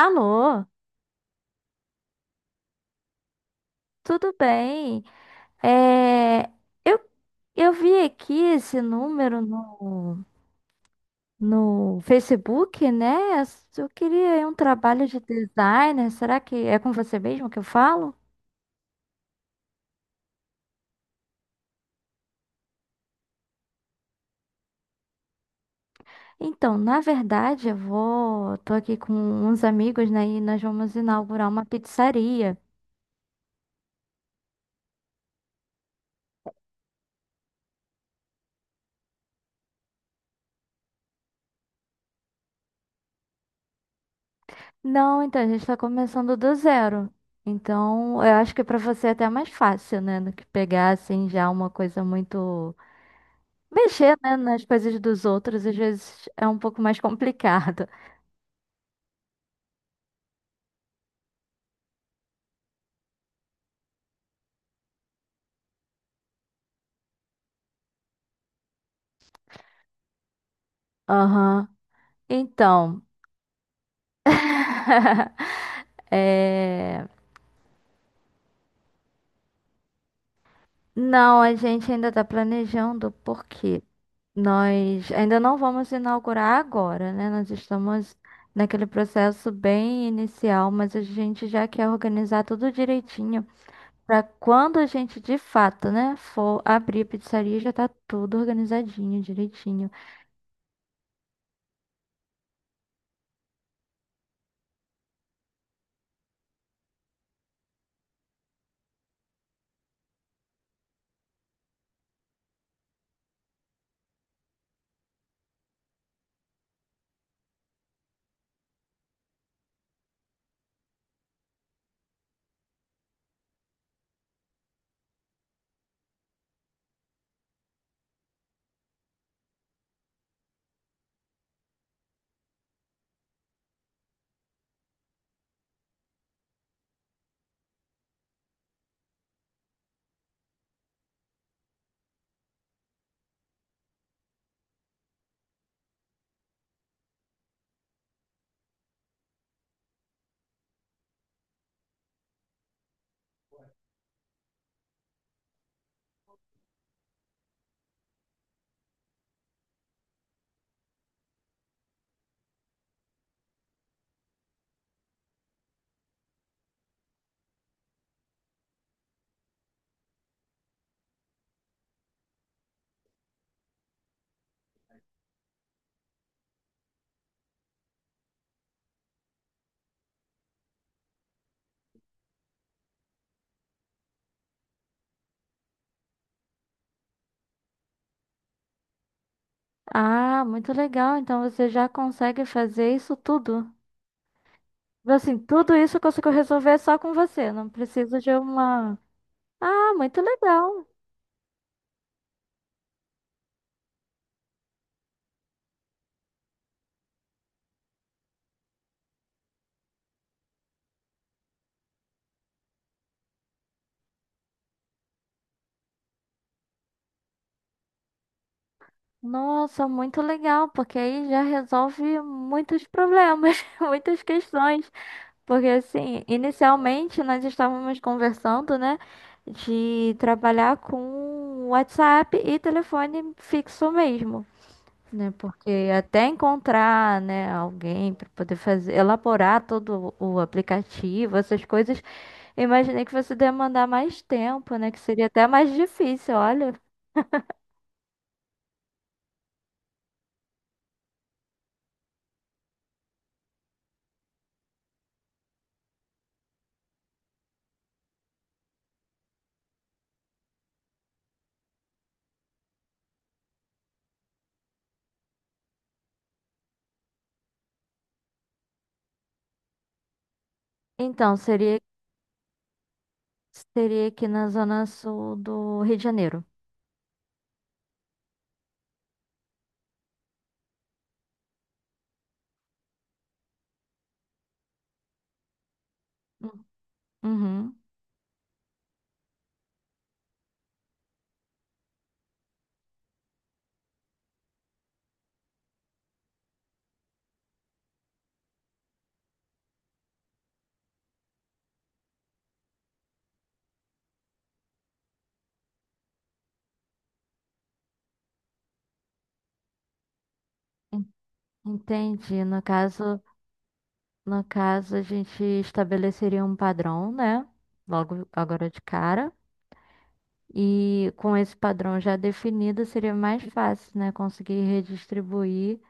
Alô, tudo bem? É, eu, eu vi aqui esse número no Facebook, né? Eu queria aí um trabalho de designer. Será que é com você mesmo que eu falo? Então, na verdade, tô aqui com uns amigos, né? E nós vamos inaugurar uma pizzaria. Não, então a gente está começando do zero. Então, eu acho que para você é até mais fácil, né? Do que pegar assim já uma coisa muito. Mexer, né, nas coisas dos outros às vezes é um pouco mais complicado. Aham. Então, é... não, a gente ainda está planejando porque nós ainda não vamos inaugurar agora, né? Nós estamos naquele processo bem inicial, mas a gente já quer organizar tudo direitinho para quando a gente de fato, né, for abrir a pizzaria, já tá tudo organizadinho, direitinho. Ah, muito legal. Então você já consegue fazer isso tudo. Assim, tudo isso eu consigo resolver só com você. Não preciso de uma. Ah, muito legal. Nossa, muito legal, porque aí já resolve muitos problemas, muitas questões. Porque assim, inicialmente nós estávamos conversando, né, de trabalhar com WhatsApp e telefone fixo mesmo, né? Porque até encontrar, né, alguém para poder fazer, elaborar todo o aplicativo, essas coisas, eu imaginei que fosse demandar mais tempo, né? Que seria até mais difícil, olha. Então, seria, seria aqui na zona sul do Rio de Janeiro. Hum. Uhum. En- Entendi. No caso, a gente estabeleceria um padrão, né? Logo agora de cara. E com esse padrão já definido, seria mais fácil, né? Conseguir redistribuir.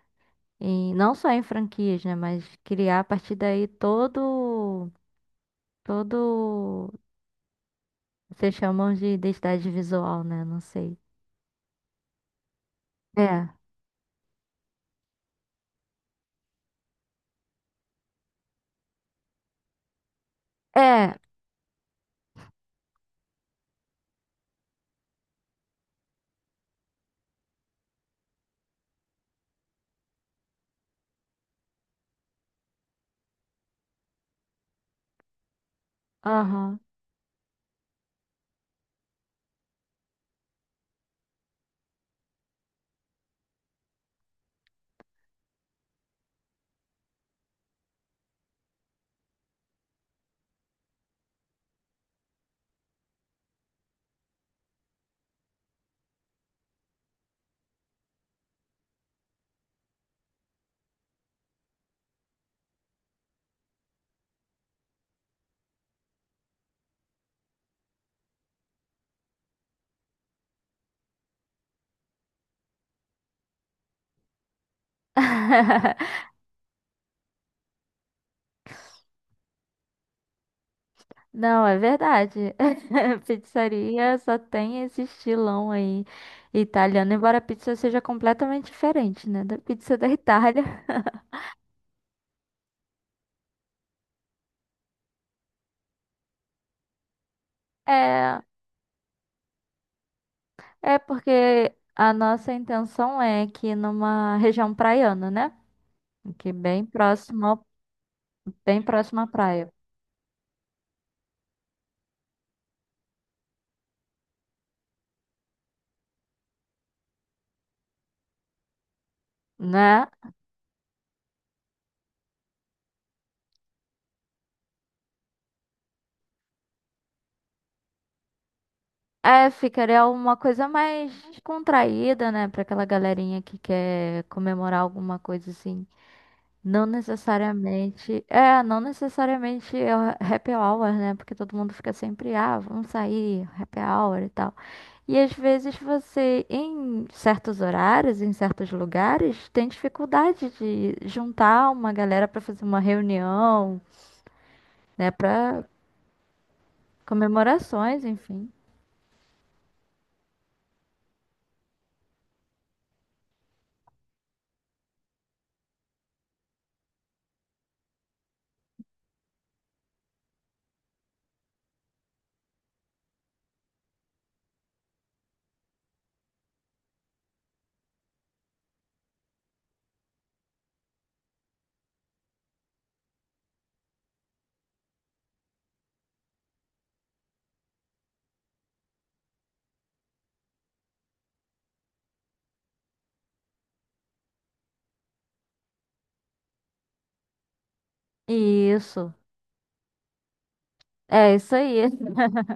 E não só em franquias, né? Mas criar a partir daí todo, vocês chamam de identidade visual, né? Não sei. É, é, aham. Não, é verdade. Pizzaria só tem esse estilão aí italiano, embora a pizza seja completamente diferente, né? Da pizza da Itália. É, é porque a nossa intenção é que numa região praiana, né? Que é bem próximo ao. Bem próximo à praia, né? É, ficaria uma coisa mais descontraída, né? Pra aquela galerinha que quer comemorar alguma coisa assim. Não necessariamente. É, não necessariamente é o happy hour, né? Porque todo mundo fica sempre, ah, vamos sair, happy hour e tal. E às vezes você, em certos horários, em certos lugares, tem dificuldade de juntar uma galera pra fazer uma reunião, né? Pra comemorações, enfim. Isso. É isso aí.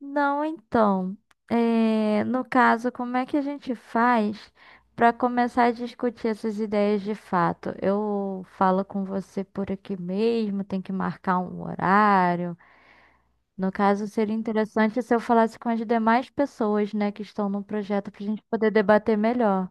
Não, então, no caso, como é que a gente faz para começar a discutir essas ideias de fato? Eu falo com você por aqui mesmo, tem que marcar um horário. No caso, seria interessante se eu falasse com as demais pessoas, né, que estão no projeto para a gente poder debater melhor.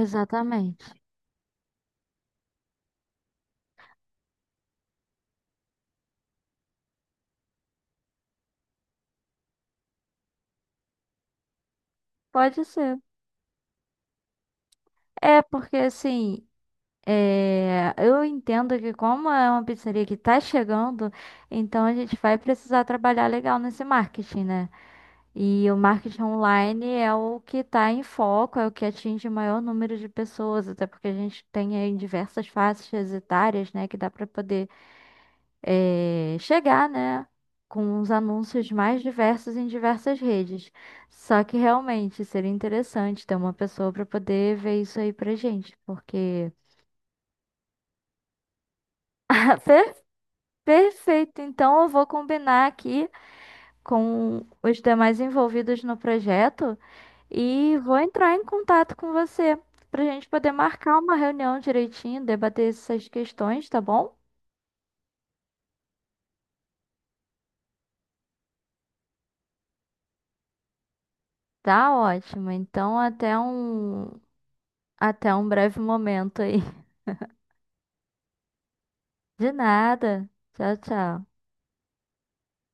Exatamente. Pode ser. É, porque assim, eu entendo que como é uma pizzaria que está chegando, então a gente vai precisar trabalhar legal nesse marketing, né? E o marketing online é o que está em foco, é o que atinge o maior número de pessoas, até porque a gente tem aí diversas faixas etárias, né, que dá para poder chegar, né, com os anúncios mais diversos em diversas redes. Só que realmente seria interessante ter uma pessoa para poder ver isso aí pra gente, porque Fe- Perfeito, então eu vou combinar aqui com os demais envolvidos no projeto e vou entrar em contato com você para a gente poder marcar uma reunião direitinho, debater essas questões, tá bom? Tá ótimo. Então até um breve momento aí. De nada. Tchau, tchau.